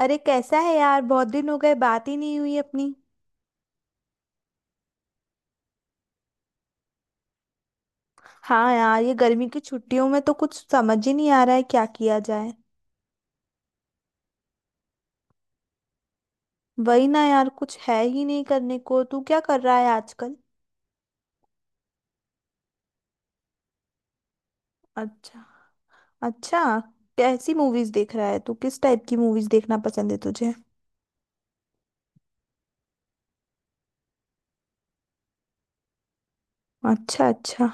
अरे कैसा है यार। बहुत दिन हो गए, बात ही नहीं हुई अपनी। हाँ यार, ये गर्मी की छुट्टियों में तो कुछ समझ ही नहीं आ रहा है क्या किया जाए। वही ना यार, कुछ है ही नहीं करने को। तू क्या कर रहा है आजकल? अच्छा। अच्छा। कैसी मूवीज देख रहा है तू? किस टाइप की मूवीज देखना पसंद है तुझे? अच्छा। अच्छा।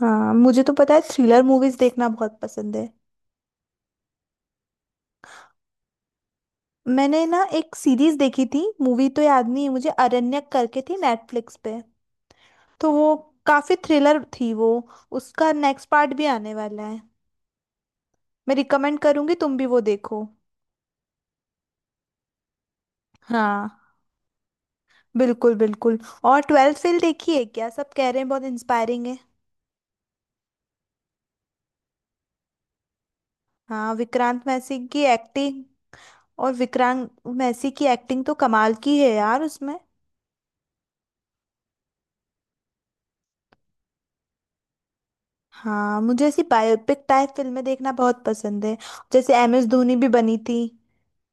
हाँ, मुझे तो पता है, थ्रिलर मूवीज देखना बहुत पसंद है। मैंने ना एक सीरीज देखी थी, मूवी तो याद नहीं है मुझे, अरण्यक करके थी, नेटफ्लिक्स पे। तो वो काफी थ्रिलर थी वो। उसका नेक्स्ट पार्ट भी आने वाला है। मैं रिकमेंड करूंगी, तुम भी वो देखो। हाँ बिल्कुल बिल्कुल। और ट्वेल्थ फेल देखी है क्या? सब कह रहे हैं बहुत इंस्पायरिंग है। हाँ, विक्रांत मैसी की एक्टिंग। और विक्रांत मैसी की एक्टिंग तो कमाल की है यार उसमें। हाँ, मुझे ऐसी बायोपिक टाइप फिल्में देखना बहुत पसंद है। जैसे एम एस धोनी भी बनी थी,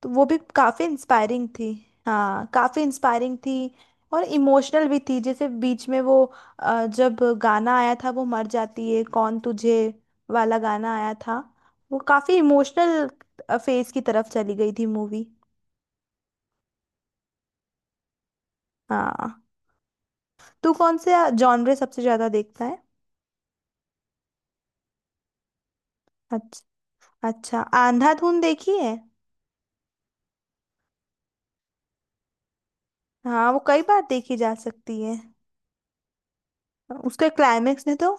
तो वो भी काफी इंस्पायरिंग थी। हाँ काफी इंस्पायरिंग थी। और इमोशनल भी थी, जैसे बीच में वो जब गाना आया था, वो "मर जाती है कौन तुझे" वाला गाना आया था। वो काफी इमोशनल फेज की तरफ चली गई थी मूवी। हाँ। तू कौन से जॉनरे सबसे ज्यादा देखता है? अच्छा। अच्छा। अंधाधुन देखी है? हाँ वो कई बार देखी जा सकती है। उसके क्लाइमेक्स ने तो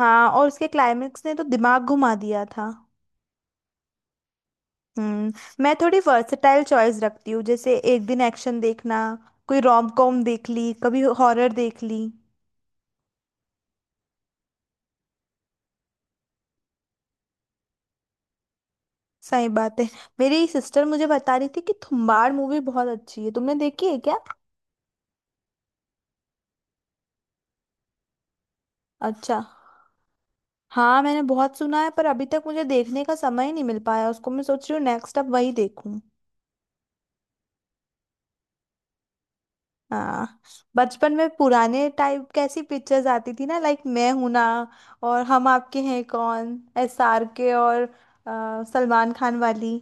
हाँ, और उसके क्लाइमेक्स ने तो दिमाग घुमा दिया था। हम्म मैं थोड़ी वर्सेटाइल चॉइस रखती हूँ, जैसे एक दिन एक्शन देखना, कोई रोम कॉम देख ली, कभी हॉरर देख ली। सही बात है। मेरी सिस्टर मुझे बता रही थी कि थुम्बाड़ मूवी बहुत अच्छी है, तुमने देखी है क्या? अच्छा। हाँ मैंने बहुत सुना है, पर अभी तक मुझे देखने का समय ही नहीं मिल पाया उसको। मैं सोच रही हूँ नेक्स्ट अब वही देखूं। हाँ। बचपन में पुराने टाइप कैसी पिक्चर्स आती थी ना, लाइक मैं हूं ना, और Hum Aapke Hain Koun, S R K और सलमान खान वाली।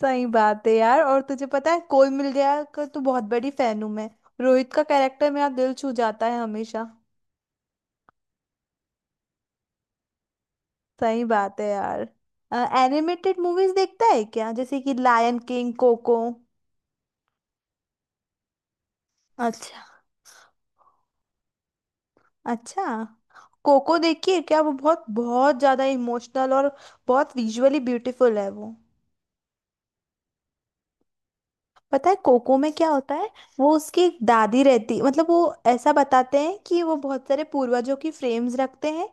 सही बात है यार। और तुझे पता है, कोई मिल गया का तो बहुत बड़ी फैन हूं मैं। रोहित का कैरेक्टर मेरा दिल छू जाता है हमेशा। सही बात है यार। एनिमेटेड मूवीज देखता है क्या, जैसे कि लायन किंग, कोको? अच्छा। अच्छा। कोको देखिए क्या? वो बहुत बहुत ज्यादा इमोशनल और बहुत विजुअली ब्यूटीफुल है वो। पता है कोको में क्या होता है? वो उसकी एक दादी रहती, मतलब वो ऐसा बताते हैं कि वो बहुत सारे पूर्वजों की फ्रेम्स रखते हैं।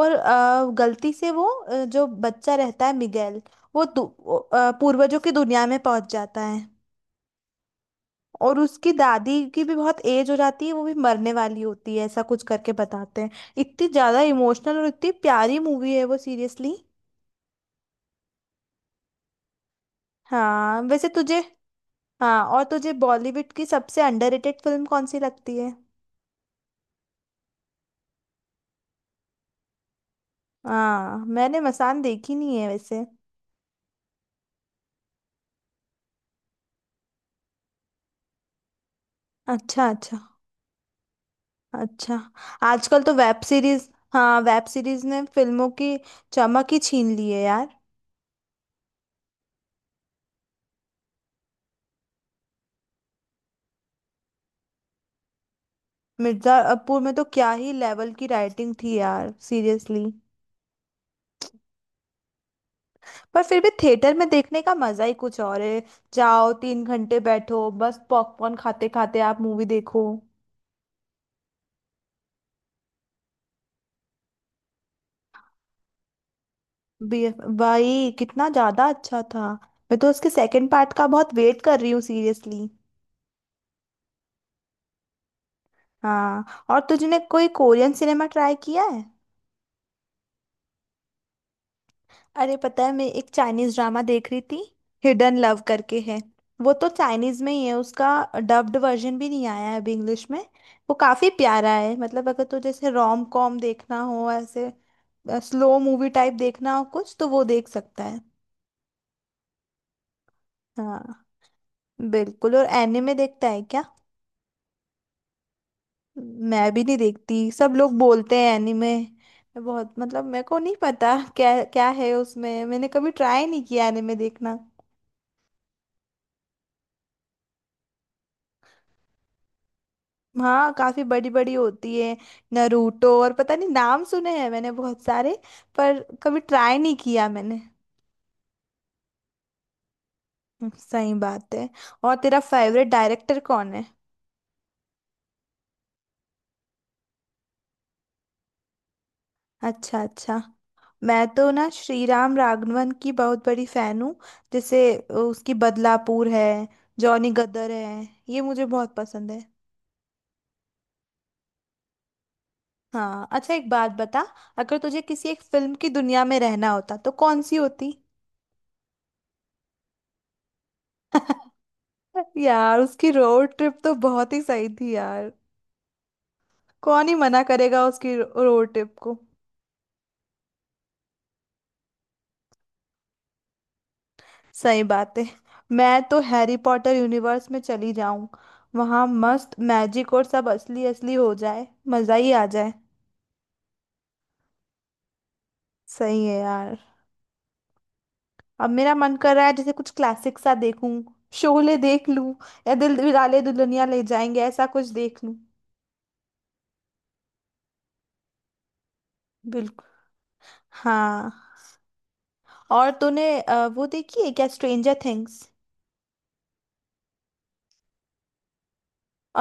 और गलती से वो, जो बच्चा रहता है, मिगेल, वो पूर्वजों की दुनिया में पहुंच जाता है। और उसकी दादी की भी बहुत एज हो जाती है, वो भी मरने वाली होती है, ऐसा कुछ करके बताते हैं। इतनी ज्यादा इमोशनल और इतनी प्यारी मूवी है वो, सीरियसली। हाँ। वैसे तुझे हाँ, और तुझे बॉलीवुड की सबसे अंडररेटेड फिल्म कौन सी लगती है? हाँ मैंने मसान देखी नहीं है वैसे। अच्छा अच्छा। अच्छा। आजकल तो वेब सीरीज हाँ, वेब सीरीज ने फिल्मों की चमक ही छीन ली है यार। मिर्जापुर में तो क्या ही लेवल की राइटिंग थी यार सीरियसली। पर फिर भी थिएटर में देखने का मजा ही कुछ और है। जाओ, तीन घंटे बैठो, बस पॉपकॉर्न खाते खाते आप मूवी देखो। बे- भाई, कितना ज्यादा अच्छा था। मैं तो उसके सेकंड पार्ट का बहुत वेट कर रही हूँ सीरियसली। हाँ और तुझने कोई कोरियन सिनेमा ट्राई किया है? अरे पता है, मैं एक चाइनीज ड्रामा देख रही थी, हिडन लव करके है। वो तो चाइनीज में ही है उसका, डब्ड वर्जन भी नहीं आया है अभी इंग्लिश में। वो काफी प्यारा है, मतलब अगर तुझे जैसे रोम कॉम देखना हो, ऐसे स्लो मूवी टाइप देखना हो कुछ, तो वो देख सकता है। हाँ बिल्कुल। और एनिमे देखता है क्या? मैं भी नहीं देखती, सब लोग बोलते हैं एनीमे, मैं बहुत मतलब मेरे को नहीं पता क्या क्या है उसमें, मैंने कभी ट्राई नहीं किया एनीमे देखना। हाँ काफी बड़ी बड़ी होती है। नरूटो और पता नहीं नाम सुने हैं मैंने बहुत सारे। पर कभी ट्राई नहीं किया मैंने। सही बात है। और तेरा फेवरेट डायरेक्टर कौन है? अच्छा। अच्छा। मैं तो ना श्री राम राघवन की बहुत बड़ी फैन हूँ। जैसे उसकी बदलापुर है, जॉनी गदर है, ये मुझे बहुत पसंद है। हाँ अच्छा, एक बात बता, अगर तुझे किसी एक फिल्म की दुनिया में रहना होता तो कौन सी होती? यार उसकी रोड ट्रिप तो बहुत ही सही थी यार। कौन ही मना करेगा उसकी रोड ट्रिप को। सही बात है। मैं तो हैरी पॉटर यूनिवर्स में चली जाऊं। वहां मस्त मैजिक और सब असली असली हो जाए, मजा ही आ जाए। सही है यार। अब मेरा मन कर रहा है जैसे कुछ क्लासिक सा देखूं, शोले देख लूं, या दिल दिलवाले दुल्हनिया ले जाएंगे, ऐसा कुछ देख लूं। बिल्कुल। हाँ और तूने वो देखी है क्या, स्ट्रेंजर थिंग्स?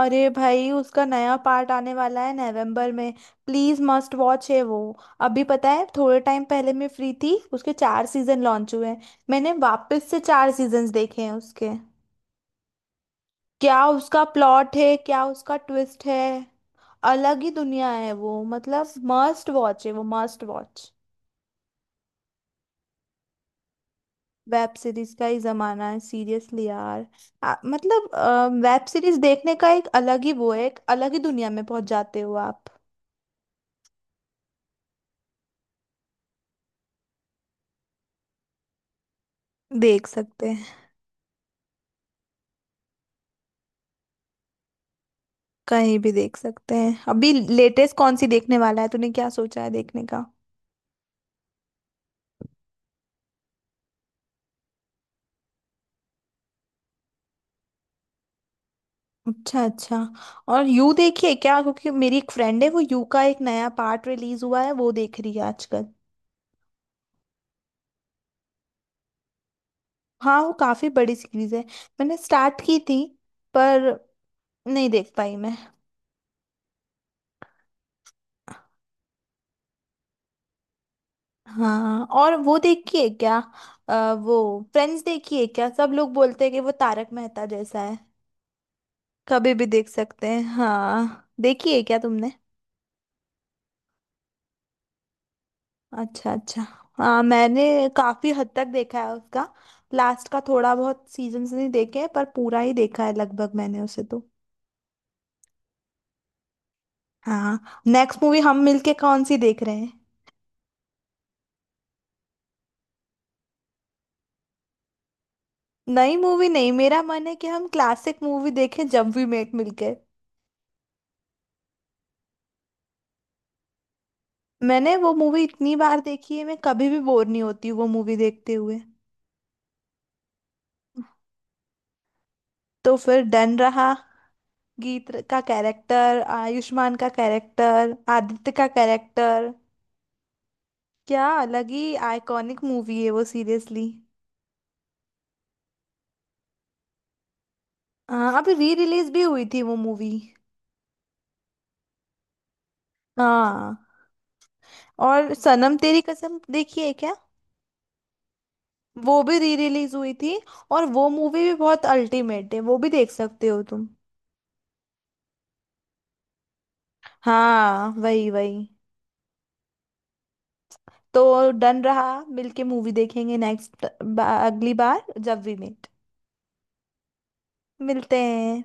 अरे भाई, उसका नया पार्ट आने वाला है नवंबर में, प्लीज मस्ट वॉच है वो। अभी पता है, थोड़े टाइम पहले मैं फ्री थी, उसके चार सीजन लॉन्च हुए हैं, मैंने वापस से चार सीजन्स देखे हैं उसके। क्या उसका प्लॉट है, क्या उसका ट्विस्ट है। अलग ही दुनिया है वो, मतलब मस्ट वॉच है वो, मस्ट वॉच। वेब सीरीज का ही जमाना है सीरियसली यार। मतलब वेब सीरीज देखने का एक अलग ही वो है, एक अलग ही दुनिया में पहुंच जाते हो आप। देख सकते हैं, कहीं भी देख सकते हैं। अभी लेटेस्ट कौन सी देखने वाला है तूने, क्या सोचा है देखने का? अच्छा अच्छा। और यू देखिए क्या? क्योंकि मेरी एक फ्रेंड है, वो यू का एक नया पार्ट रिलीज हुआ है, वो देख रही है आजकल। हाँ वो काफी बड़ी सीरीज है। मैंने स्टार्ट की थी पर नहीं देख पाई मैं। हाँ और वो देखी है क्या, वो फ्रेंड्स देखी है क्या? सब लोग बोलते हैं कि वो तारक मेहता जैसा है। कभी भी देख सकते हैं। हाँ, देखी है क्या तुमने? अच्छा अच्छा। हाँ मैंने काफी हद तक देखा है उसका। लास्ट का थोड़ा बहुत सीजन्स नहीं देखे हैं, पर पूरा ही देखा है लगभग मैंने उसे तो। हाँ, नेक्स्ट मूवी हम मिलके कौन सी देख रहे हैं? नई मूवी नहीं, मेरा मन है कि हम क्लासिक मूवी देखें जब भी मेट मिलके। मैंने वो मूवी इतनी बार देखी है, मैं कभी भी बोर नहीं होती वो मूवी देखते हुए। तो फिर डन रहा। गीत का कैरेक्टर, आयुष्मान का कैरेक्टर, आदित्य का कैरेक्टर। क्या अलग ही आइकॉनिक मूवी है वो सीरियसली। हाँ अभी री रिलीज भी हुई थी वो मूवी। हाँ और सनम तेरी कसम देखी है क्या? वो भी री रिलीज हुई थी, और वो मूवी भी बहुत अल्टीमेट है, वो भी देख सकते हो तुम। हाँ वही वही। तो डन रहा, मिलके मूवी देखेंगे नेक्स्ट, अगली बार जब वी मेट मिलते हैं।